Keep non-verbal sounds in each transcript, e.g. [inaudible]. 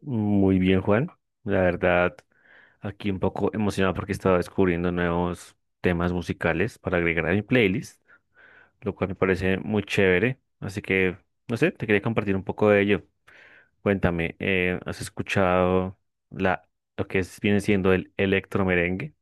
Muy bien, Juan. La verdad, aquí un poco emocionado porque estaba descubriendo nuevos temas musicales para agregar a mi playlist, lo cual me parece muy chévere. Así que, no sé, te quería compartir un poco de ello. Cuéntame, ¿has escuchado la, viene siendo el electromerengue?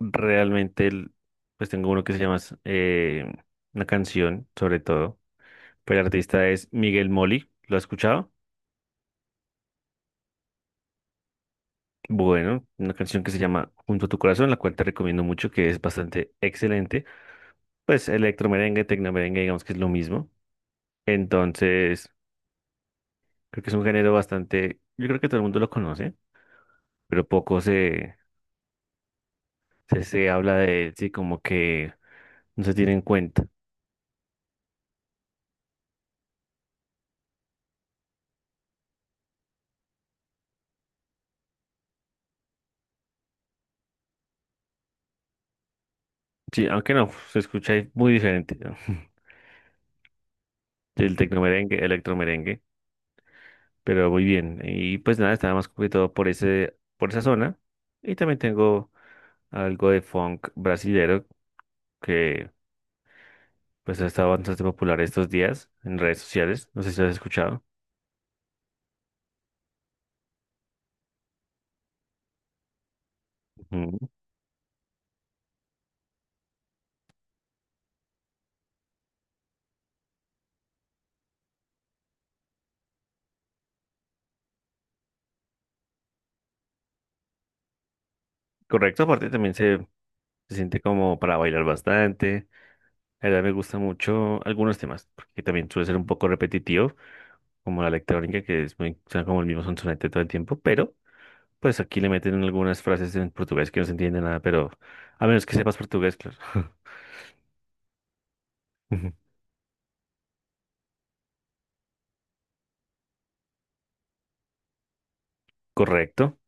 Realmente, pues tengo uno que se llama, eh, una canción, sobre todo, pero el artista es Miguel Moli. ¿Lo has escuchado? Bueno, una canción que se llama Junto a tu corazón, la cual te recomiendo mucho, que es bastante excelente. Pues electromerengue, tecnomerengue, digamos que es lo mismo. Entonces, creo que es un género bastante, yo creo que todo el mundo lo conoce, pero poco se habla de él, sí, como que no se tiene en cuenta. Sí, aunque no, se escucha ahí muy diferente, ¿no? [laughs] Del tecnomerengue, electromerengue, pero muy bien. Y pues nada, estaba más complicado por ese, por esa zona. Y también tengo algo de funk brasilero que pues ha estado bastante popular estos días en redes sociales, no sé si lo has escuchado. Ujú. Correcto, aparte se siente como para bailar bastante. La verdad me gusta mucho algunos temas, porque también suele ser un poco repetitivo, como la electrónica, que es muy, suena como el mismo sonsonete todo el tiempo, pero pues aquí le meten algunas frases en portugués que no se entiende nada, pero a menos que sepas portugués, claro. [laughs] Ujú. Correcto.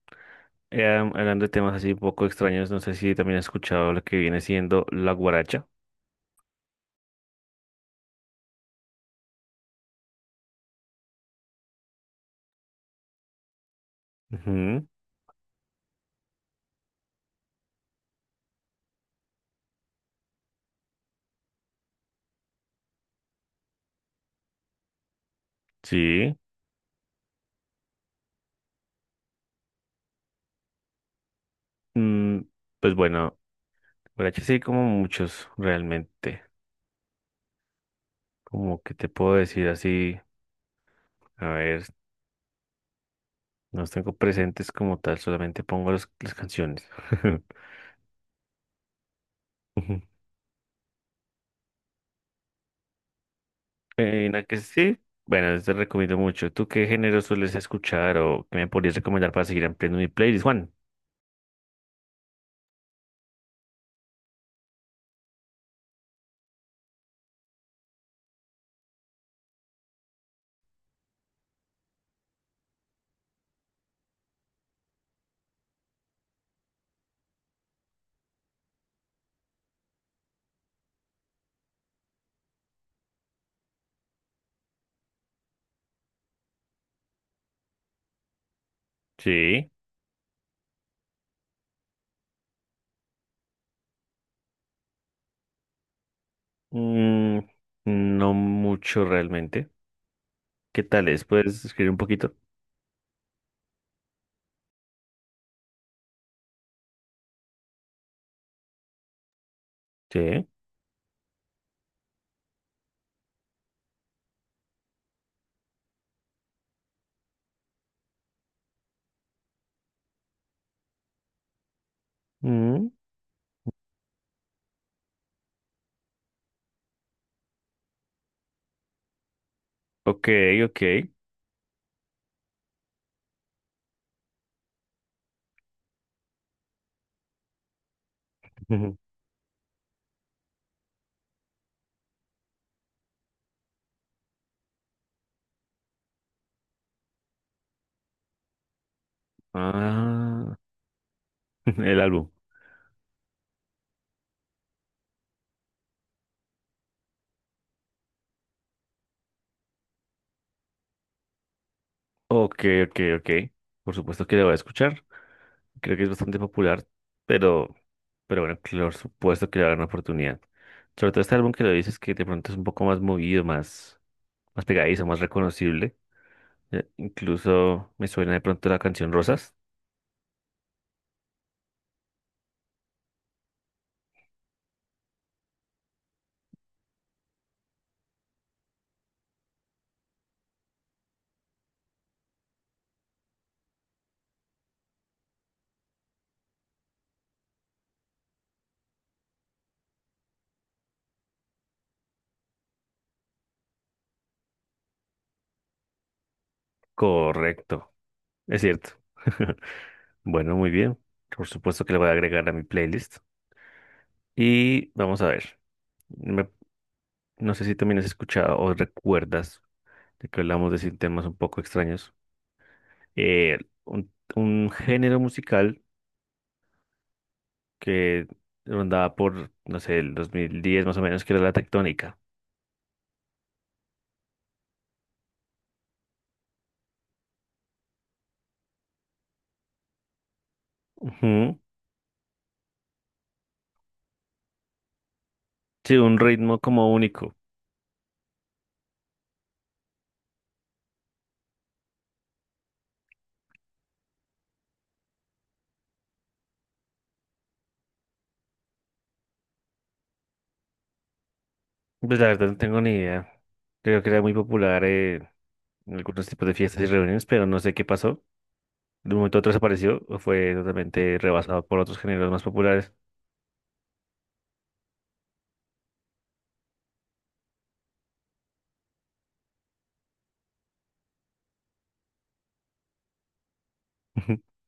Hablando de temas así un poco extraños, no sé si también has escuchado lo que viene siendo la guaracha. Ujú. Sí, mm, pues bueno, borrachos sí hay como muchos realmente, como que te puedo decir así, a ver, no los tengo presentes como tal, solamente pongo las canciones. [laughs] Ujú. La que sí, bueno, te recomiendo mucho. ¿Tú qué género sueles escuchar o qué me podrías recomendar para seguir ampliando mi playlist, Juan? Sí, mm, no mucho realmente. ¿Qué tal es? ¿Puedes escribir un poquito? Sí. Mm, ok, ok. [laughs] Ujú. Ah. [laughs] El álbum. Ok, ok, ok. Por supuesto que lo voy a escuchar. Creo que es bastante popular, pero, pero bueno, claro, por supuesto que le va a dar una oportunidad. Sobre todo este álbum que lo dices que de pronto es un poco más movido, más, más pegadizo, más reconocible. Incluso me suena de pronto la canción Rosas. Correcto, es cierto. [laughs] Bueno, muy bien. Por supuesto que le voy a agregar a mi playlist. Y vamos a ver. Me- no sé si también has escuchado o recuerdas de que hablamos de sin temas un poco extraños. eh, un género musical que rondaba por, no sé, el 2010 más o menos, que era la tectónica. Ujú. Sí, un ritmo como único. Pues la verdad no tengo ni idea. Creo que era muy popular en algunos tipos de fiestas y reuniones, pero no sé qué pasó. De un momento a otro desapareció o fue totalmente rebasado por otros géneros más populares. [laughs]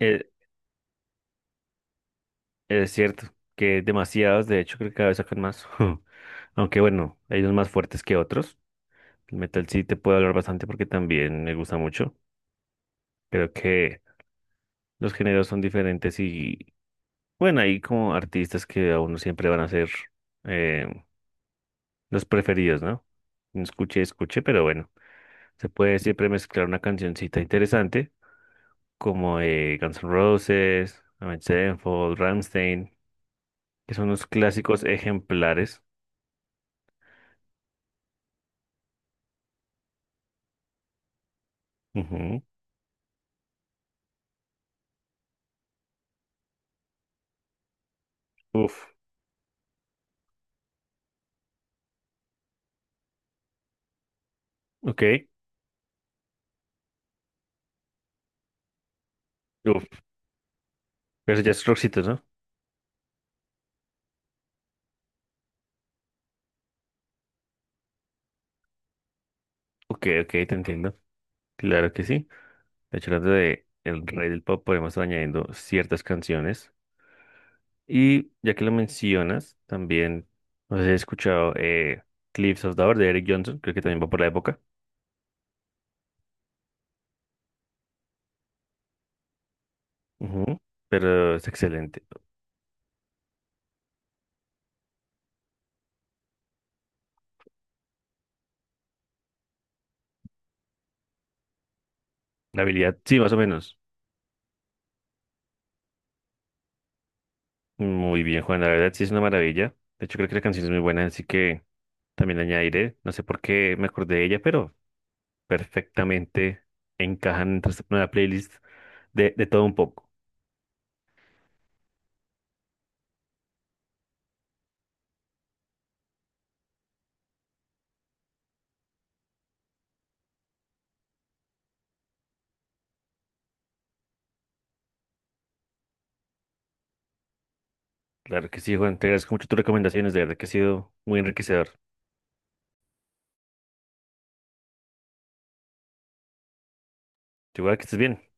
Eh, Es, cierto que demasiados, de hecho, creo que cada vez sacan más. [laughs] Aunque bueno, hay unos más fuertes que otros. El metal sí te puedo hablar bastante porque también me gusta mucho. Creo que los géneros son diferentes y bueno, hay como artistas que a uno siempre van a ser eh, los preferidos, ¿no? Escuche, escuche, pero bueno, se puede siempre mezclar una cancioncita interesante como Guns N' Roses, Avenged Sevenfold, Rammstein, que son unos clásicos ejemplares. Ujú. Uf, ok, uf, pero ya es rockcito, ¿no? Ok, ok, te entiendo. Claro que sí. De hecho, hablando de el rey del pop, podemos estar añadiendo ciertas canciones. Y ya que lo mencionas, también, no sé si he escuchado Cliffs of Dover de Eric Johnson, creo que también va por la época. Ujú. Pero es excelente. La habilidad, sí, más o menos. Muy bien, Juan, la verdad sí es una maravilla. De hecho, creo que la canción es muy buena, así que también la añadiré. No sé por qué me acordé de ella, pero perfectamente encajan entre esta nueva playlist de todo un poco. Claro que sí, Juan, te agradezco mucho tus recomendaciones, de verdad que ha sido muy enriquecedor. Igual que estés bien.